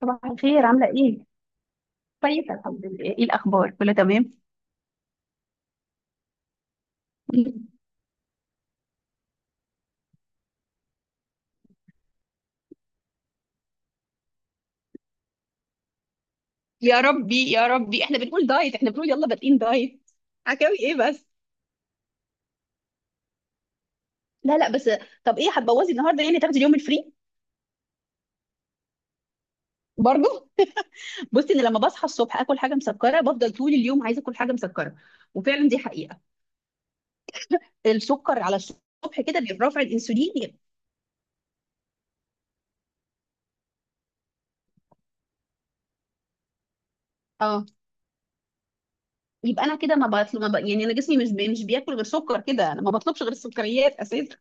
صباح الخير، عاملة ايه؟ كويسة، الحمد لله. ايه الأخبار؟ كله تمام؟ يا ربي يا ربي، احنا بنقول دايت، احنا بنقول يلا بادئين دايت. عكاوي ايه بس! لا، لا، بس. طب ايه هتبوظي النهارده؟ يعني تاخدي اليوم الفري؟ برضه. بصي، انا لما بصحى الصبح اكل حاجه مسكره بفضل طول اليوم عايزه اكل حاجه مسكره. وفعلا دي حقيقه. السكر على الصبح كده بيرفع الانسولين اه. يبقى انا كده ما بطلب ما ب... يعني انا جسمي مش بياكل غير سكر كده، انا ما بطلبش غير السكريات اساسا.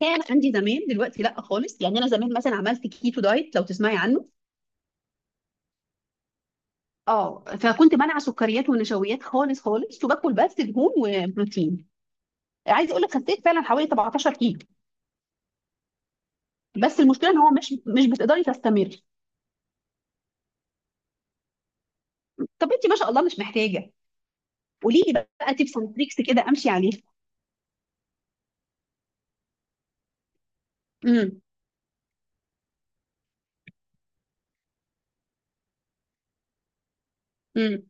كان عندي زمان، دلوقتي لا خالص. يعني انا زمان مثلا عملت كيتو دايت، لو تسمعي عنه. اه، فكنت منع سكريات ونشويات خالص خالص، وباكل بس دهون وبروتين. عايزه اقول لك خسيت فعلا حوالي 17 كيلو. بس المشكله ان هو مش بتقدري تستمري. طب انت ما شاء الله مش محتاجه. قولي لي بقى تيبس اند تريكس كده امشي عليها. امم. امم.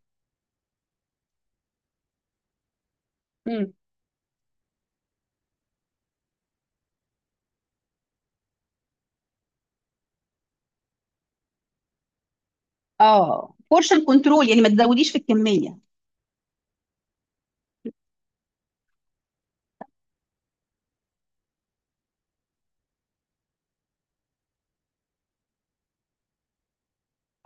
امم. اه، بورشن كنترول يعني ما تزوديش في الكميه.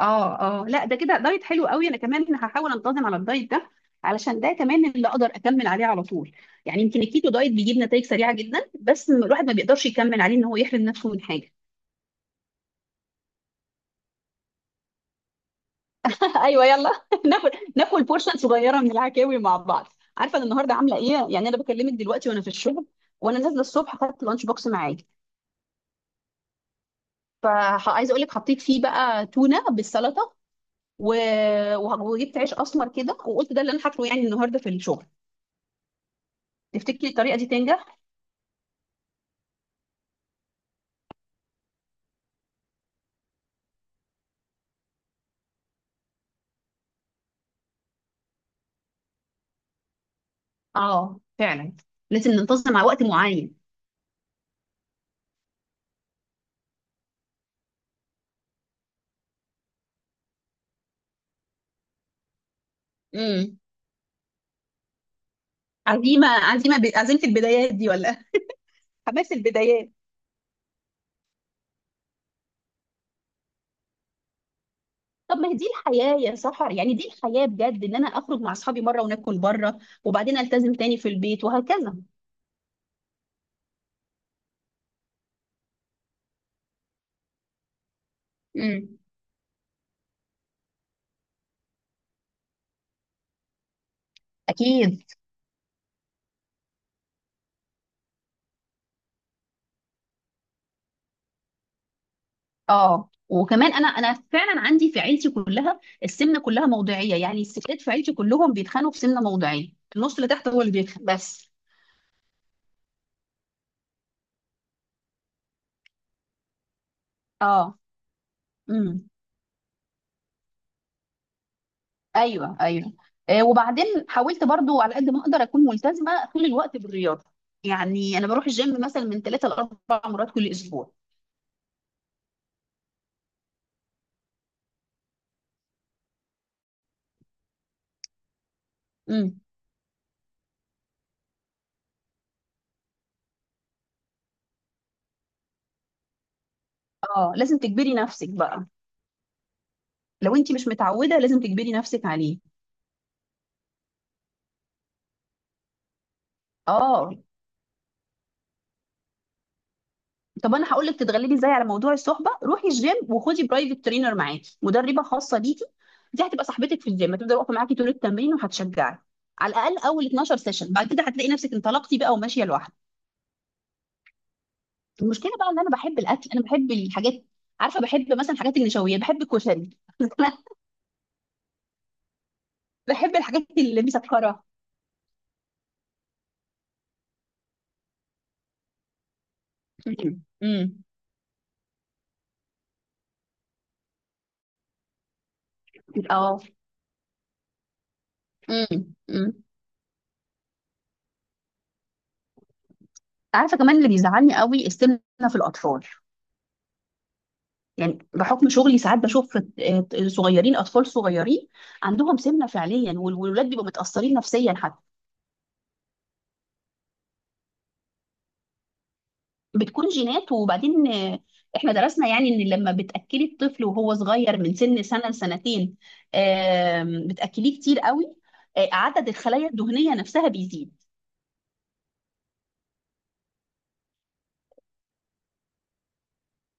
اه، اه، لا، ده كده دايت حلو قوي. انا كمان هحاول انتظم على الدايت ده، علشان ده كمان اللي اقدر اكمل عليه على طول. يعني يمكن الكيتو دايت بيجيب نتائج سريعه جدا، بس الواحد ما بيقدرش يكمل عليه ان هو يحرم نفسه من حاجه. ايوه يلا. ناكل بورشن صغيره من العكاوي مع بعض. عارفه انا النهارده عامله ايه؟ يعني انا بكلمك دلوقتي وانا في الشغل، وانا نازله الصبح خدت لانش بوكس معايا. فعايزه اقول لك حطيت فيه بقى تونه بالسلطه و... وجبت عيش اسمر كده، وقلت ده اللي انا هاكله يعني النهارده في الشغل. تفتكري الطريقه دي تنجح؟ اه فعلا. لازم ننتظم على وقت معين. امم. عزيمه البدايات دي ولا؟ حماس البدايات. طب ما هي دي الحياه يا سحر. يعني دي الحياه بجد، ان انا اخرج مع اصحابي مره وناكل بره، وبعدين التزم تاني في البيت وهكذا. امم. اكيد. اه، وكمان انا فعلا عندي في عيلتي كلها السمنه كلها موضعيه. يعني الستات في عيلتي كلهم بيتخانقوا في سمنه موضعيه، النص اللي تحت هو اللي بيتخانق بس. اه. امم. ايوه، ايوه. وبعدين حاولت برضو على قد ما اقدر اكون ملتزمه طول الوقت بالرياضه. يعني انا بروح الجيم مثلا من 3 لـ4 مرات كل اسبوع. امم. اه، لازم تجبري نفسك بقى. لو انت مش متعوده لازم تجبري نفسك عليه. اه، طب انا هقول لك تتغلبي ازاي على موضوع الصحبه. روحي الجيم وخدي برايفت ترينر معاكي، مدربه خاصه ليكي. دي هتبقى صاحبتك في الجيم، هتفضل واقفه معاكي طول التمرين وهتشجعك. على الاقل اول 12 سيشن، بعد كده هتلاقي نفسك انطلقتي بقى وماشيه لوحدك. المشكله بقى ان انا بحب الاكل، انا بحب الحاجات. عارفه بحب مثلا حاجات النشويات، بحب الكشري. انا بحب الحاجات اللي مسكره. امم. امم. اه. امم. امم. عارفه كمان اللي بيزعلني قوي السمنه في الاطفال. يعني بحكم شغلي ساعات بشوف صغيرين، اطفال صغيرين عندهم سمنه فعليا، والولاد بيبقوا متاثرين نفسيا حتى. بتكون جينات. وبعدين. احنا درسنا، يعني ان لما بتاكلي الطفل وهو صغير من سن سنه لسنتين، بتاكليه كتير قوي، عدد الخلايا الدهنيه نفسها بيزيد.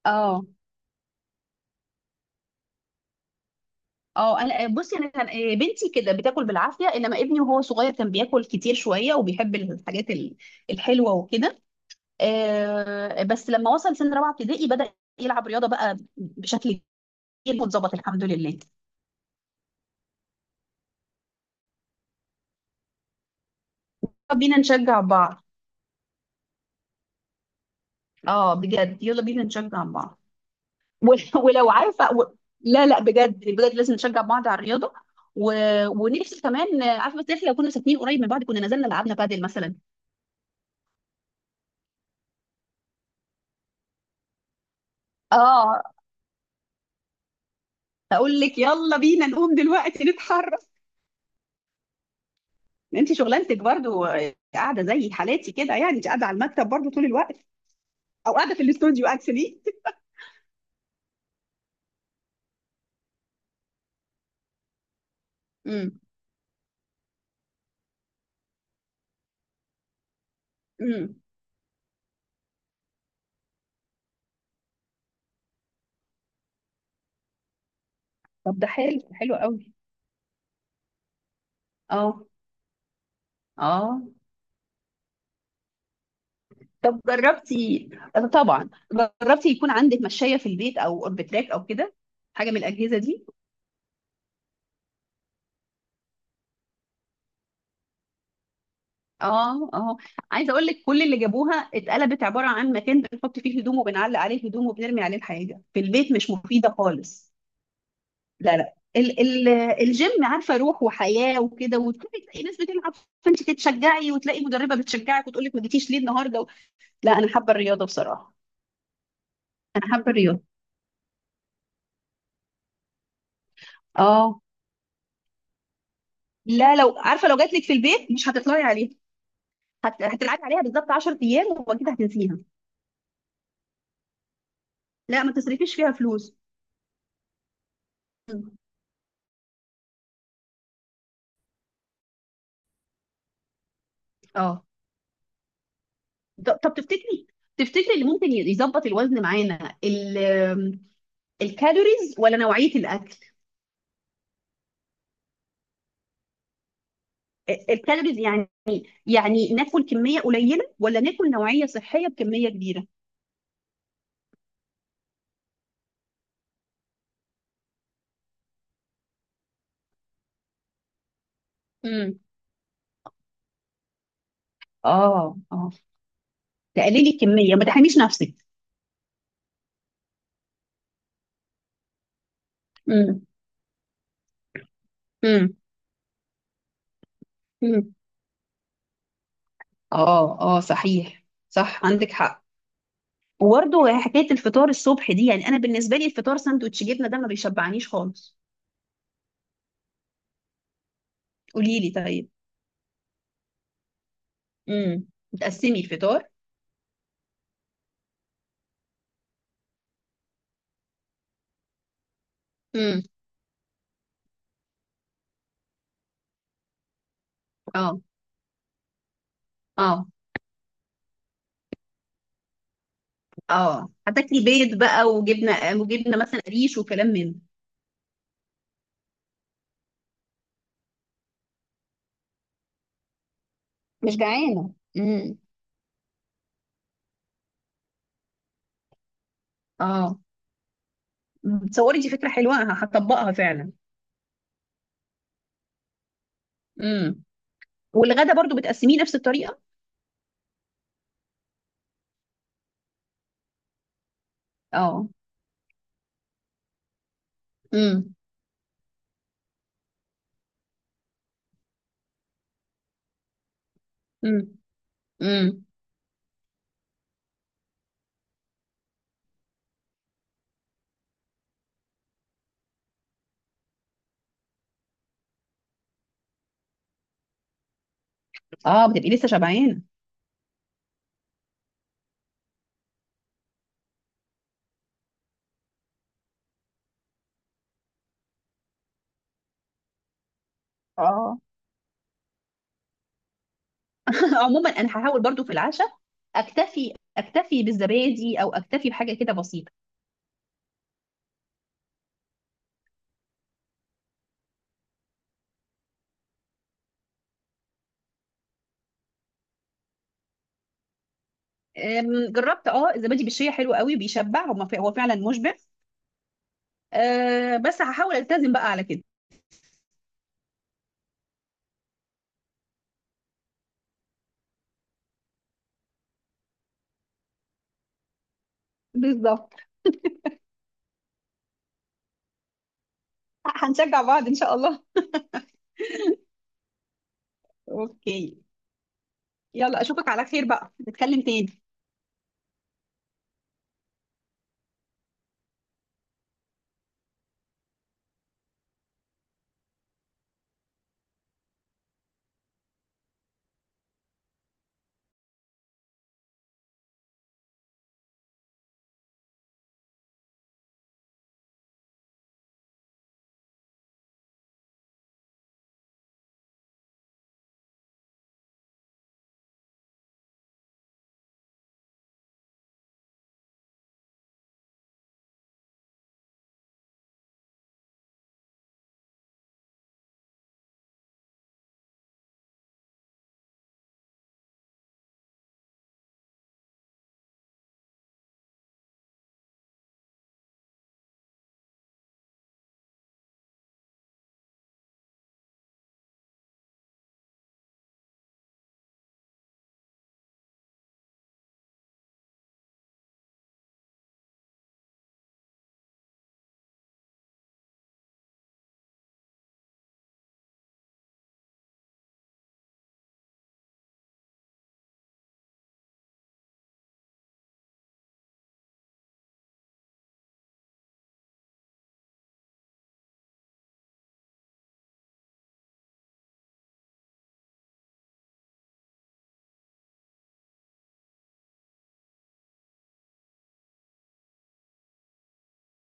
اه، اه، انا بصي انا كان بنتي كده بتاكل بالعافيه، انما ابني وهو صغير كان بياكل كتير شويه وبيحب الحاجات الحلوه وكده. بس لما وصل سن رابعه ابتدائي بدا يلعب رياضه بقى بشكل كبير، واتظبط الحمد لله. يلا بينا نشجع بعض. اه بجد، يلا بينا نشجع بعض. ول- ولو عارفه لا لا بجد بجد لازم نشجع بعض على الرياضه و... ونفسي كمان. عارفه بس احنا لو كنا ساكنين قريب من بعض كنا نزلنا لعبنا بادل مثلا. اه، اقول لك يلا بينا نقوم دلوقتي نتحرك. انت شغلانتك برضو قاعده زي حالاتي كده، يعني انت قاعده على المكتب برضو طول الوقت، او قاعده في الاستوديو اكشلي. امم. امم. طب ده حلو، حلو قوي. اه اه. طب جربتي؟ طبعا. جربتي يكون عندك مشاية في البيت او اوربتراك او كده، حاجه من الاجهزه دي؟ اه اه. عايزه اقول لك كل اللي جابوها اتقلبت عباره عن مكان بنحط فيه هدوم، وبنعلق عليه هدوم، وبنرمي عليه الحاجه. في البيت مش مفيده خالص. لا، لا، ال الجيم عارفه روح وحياه وكده، وتلاقي تلاقي ناس بتلعب، فانت تتشجعي وتلاقي مدربه بتشجعك وتقول لك ما جيتيش ليه النهارده. لا انا حابه الرياضه بصراحه. انا حابه الرياضه. اه لا، لو عارفه لو جات لك في البيت مش هتطلعي عليها. هتلعبي عليها بالظبط 10 ايام، وبعد كده هتنسيها. لا، ما تصرفيش فيها فلوس. اه، طب تفتكري، تفتكري اللي ممكن يظبط الوزن معانا، الكالوريز ولا نوعية الأكل؟ الكالوريز يعني، يعني ناكل كمية قليلة ولا ناكل نوعية صحية بكمية كبيرة؟ امم. اه اه، تقللي الكمية ما تحرميش نفسك. امم. امم. امم. اه اه، صحيح، صح عندك حق. وبرضه حكاية الفطار الصبح دي، يعني أنا بالنسبة لي الفطار ساندوتش جبنة ده ما بيشبعنيش خالص. قولي لي طيب. امم. بتقسمي الفطار؟ امم. اه اه اه، هتاكلي بيض بقى وجبنه، وجبنه مثلا قريش وكلام من ده. مش جعانة. امم. اه. تصوري دي فكره حلوه، هطبقها فعلا. امم. والغدا برضو بتقسميه نفس الطريقه؟ اه. امم. امم. امم. اه بتبقي لسه شبعانه. اه، عموما انا هحاول برضو في العشاء اكتفي بالزبادي او اكتفي بحاجه كده بسيطه. جربت اه الزبادي بالشيا حلو قوي بيشبع، هو فعلا مشبع. أه، بس هحاول التزم بقى على كده. بالظبط. هنشجع بعض إن شاء الله. أوكي. يلا أشوفك على خير بقى، نتكلم تاني.